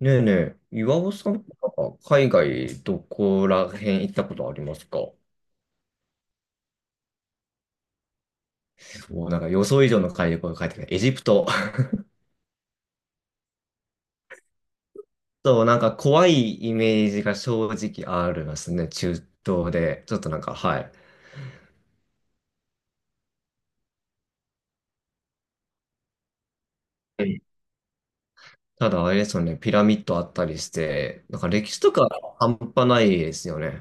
ねえねえ、岩尾さんとか海外どこら辺行ったことありますか？もうなんか予想以上の海外が帰ってきた。エジプト。そう、なんか怖いイメージが正直ありますね、中東で。ちょっとなんか、はい。うん。ただあれですよね、ピラミッドあったりして、なんか歴史とか半端ないですよね。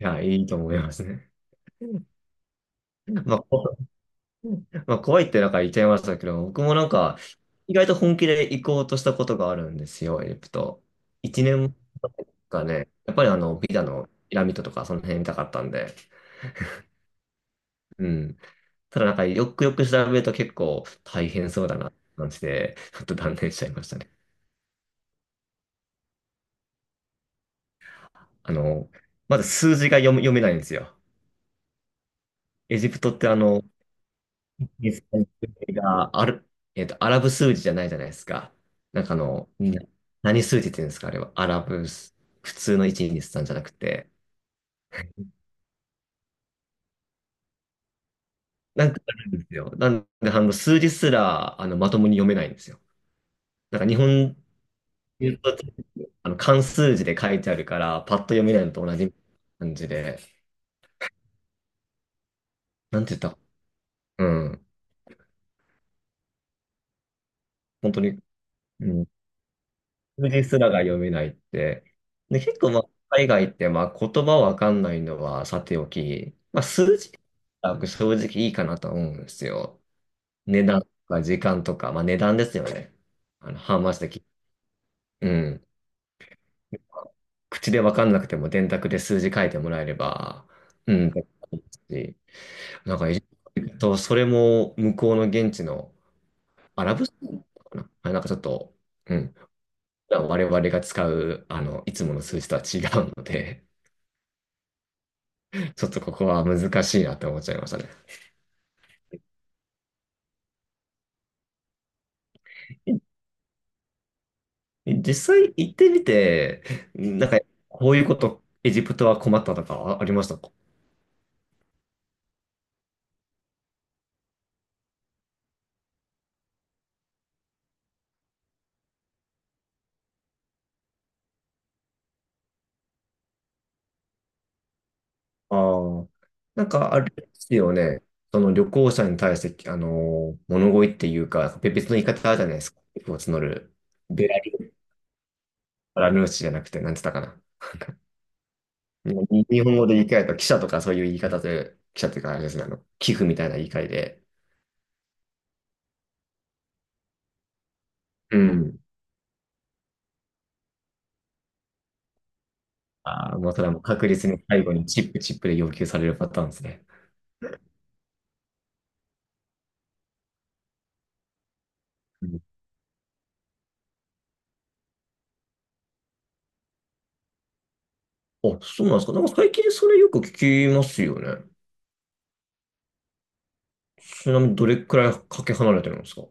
いや、いいと思いますね。まあ、こ まあ、怖いってなんか言っちゃいましたけど、僕もなんか、意外と本気で行こうとしたことがあるんですよ、エジプト。1年がね、やっぱりビザのピラミッドとかその辺見たかったんで、うん。ただなんかよくよく調べると結構大変そうだなって感じで、ちょっと断念しちゃいましたね。あの、まず数字が読めないんですよ。エジプトってイスラム数字がある、アラブ数字じゃないじゃないですか。なんかあの、な何数字って言うんですか、あれは。アラブ数、普通の1、2、さんじゃなくて。なんかあるんですよ。なんで、数字すら、まともに読めないんですよ。なんか日本人と漢数字で書いてあるから、パッと読めないのと同じ感じで、なんて言った、うん。本当に、うん。数字すらが読めないって。で、結構、まあ、海外って、まあ、言葉わかんないのはさておき、まあ、数字は僕正直いいかなと思うんですよ。値段とか時間とか、まあ、値段ですよね。ハウマッチでき、うん。口でわかんなくても電卓で数字書いてもらえれば、うん。し、なんか、えっそれも向こうの現地のアラブ数なかなあ、なんかちょっと、うん。我々が使う、いつもの数字とは違うので、ちょっとここは難しいなって思っちゃいましたね。え、実際行ってみて、なんか、こういうこと、エジプトは困ったとかあありましたか？ああ。なんか、あれですよね。その旅行者に対して、物乞いっていうか、別の言い方あるじゃないですか。寄付を募る。ベラルーシじゃなくて、なんて言ったかな。に日本語で言い換えると、記者とかそういう言い方という、記者というかあれですね、寄付みたいな言い換えで、うん。ああ、もうそれはもう確実に最後にチップチップで要求されるパターンですね。うん。あ、そうなんですか。なんか最近それよく聞きますよね。ちなみにどれくらいかけ離れてるんですか？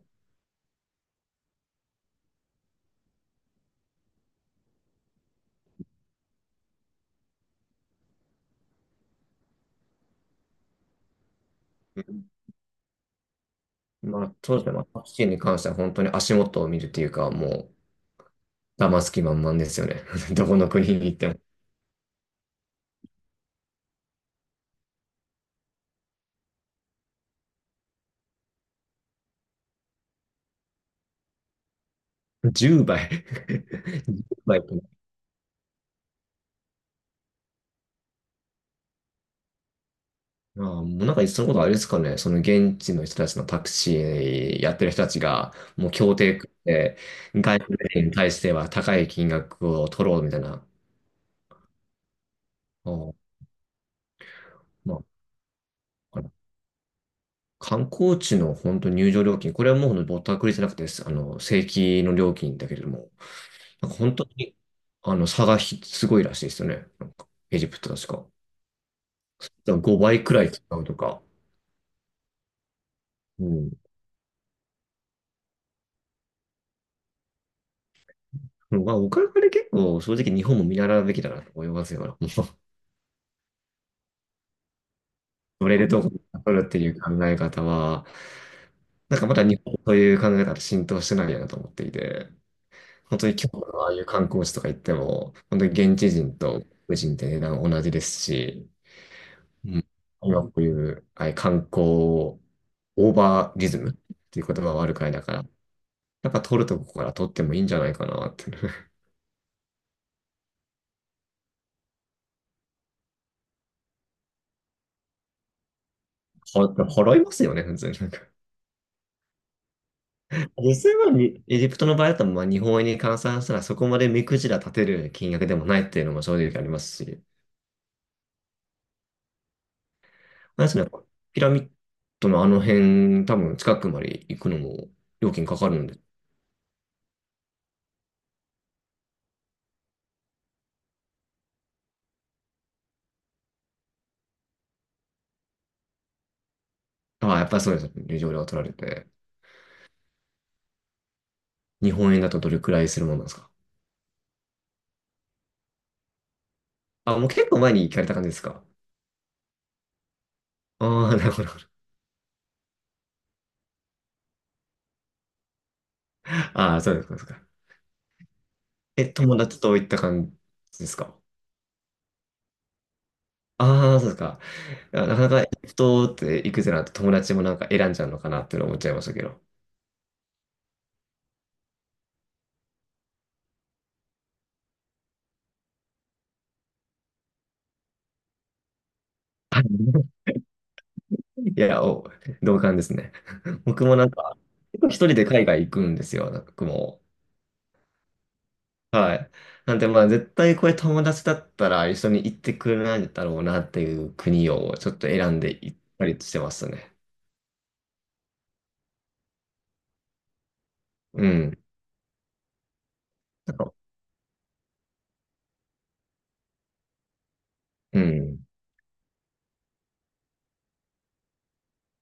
うん。まあ、そうですね。まあ、タクシーに関しては本当に足元を見るっていうか、もう、騙す気満々ですよね。どこの国に行っても。10倍。あー、もうなんか、そのことあれですかね、その現地の人たちのタクシーやってる人たちが、もう協定組んで、外国人に対しては高い金額を取ろうみたいな、あー、まあ、あの観光地の本当入場料金、これはもうぼったくりじゃなくて、正規の料金だけれども、なんか本当に、差がひすごいらしいですよね。なんかエジプト確か。だか5倍くらい使うとか、うん。まあ、お金で結構、正直日本も見習うべきだなと思いますよ。乗れるところに取るっていう考え方は、なんかまだ日本という考え方浸透してないよなと思っていて、本当に今日のああいう観光地とか行っても、本当に現地人と外国人って値段同じですし、うん、今こういうああいう観光をオーバーリズムっていう言葉はあるくらいだから、なんか取るとこから取ってもいいんじゃないかなって。ほ払いますよね、普通に。実際はにエジプトの場合だと、まあ、日本円に換算したらそこまで目くじら立てる金額でもないっていうのも正直ありますし、まあでね、ピラミッドのあの辺、多分近くまで行くのも料金かかるので、ああ、やっぱりそうですよね。入場料が取られて。日本円だとどれくらいするものなんですか？あ、もう結構前に行かれた感じですか？ああ、なるほど。なるほど。ああ、そうですか。そうですか。え、友達と行った感じですか？ああ、そうですか。いやなかなかエジプトって行くぜなんて友達もなんか選んじゃうのかなっていうのを思っちゃいましたけど。はい。いや、お、同感ですね。僕もなんか、結構一人で海外行くんですよ、僕も。はい。なんで、まあ、絶対これ友達だったら一緒に行ってくれないだろうなっていう国をちょっと選んで行ったりしてますね。うん。なんか、うん。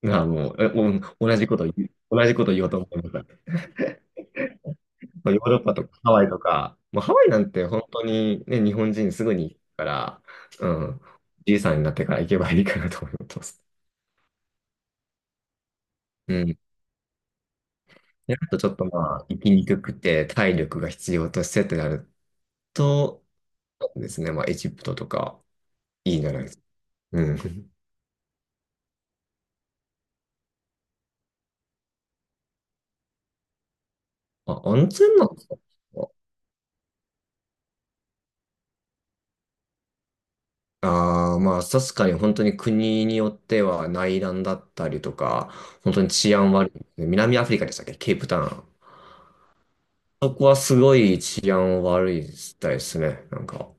まあ、もう、え、お同じこと言う、同じこと言おうと思いました。まあヨーロッパとかハワイとか、まあ、ハワイなんて本当にね、日本人すぐに行くから、うん。じいさんになってから行けばいいかなと思ってます。うん。であとちょっとまあ、生きにくくて体力が必要としてってなると、そうですね、まあ、エジプトとかいいんじゃないですか。うん。あ、温泉なんですか？ああー、まあ、確かに本当に国によっては内乱だったりとか、本当に治安悪い。南アフリカでしたっけ、ケープタウン。そこはすごい治安悪いみたいですね。なんか。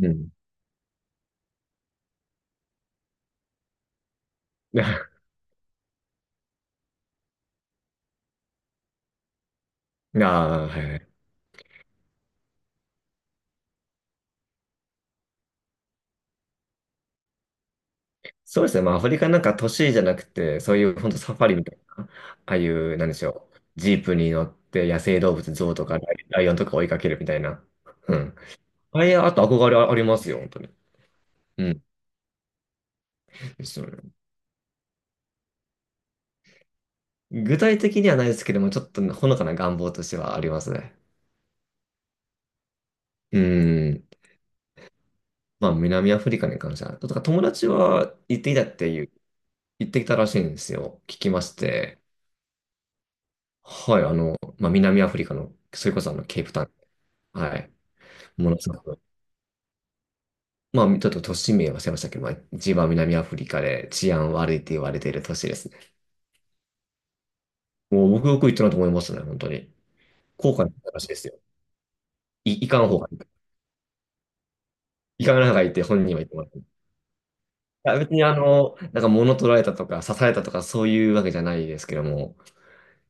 うん。ああ、はいはい。そうですね。まあ、アフリカなんか都市じゃなくて、そういう本当サファリみたいな、ああいう、なんでしょう。ジープに乗って野生動物、ゾウとかライライオンとか追いかけるみたいな。うん。あれ、あと憧れありますよ、本当に。うん。ですよね。具体的にはないですけども、ちょっとほのかな願望としてはありますね。うん。まあ、南アフリカに関しては、とか友達は行ってきたっていう、行ってきたらしいんですよ。聞きまして。はい、まあ、南アフリカの、それこそケープタウン。はい。ものすごくまあ、ちょっと都市名は忘れましたけど、まあ、一番南アフリカで治安悪いって言われている都市ですね。もう僕よく言ったなと思いましたね、本当に。後悔の話ですよ。い、いかん方がいい。いかん方がいいって本人は言ってもらって。いや別になんか物取られたとか刺されたとかそういうわけじゃないですけども、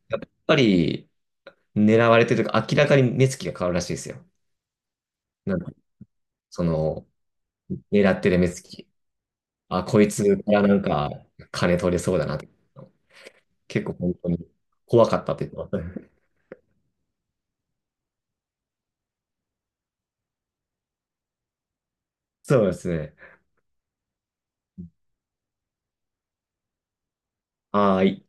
やっぱり狙われてるというか明らかに目つきが変わるらしいですよ。なんか、その、狙ってる目つき。あ、こいつがなんか金取れそうだなって。結構本当に怖かったって言ってましたね。そうですね。はーい。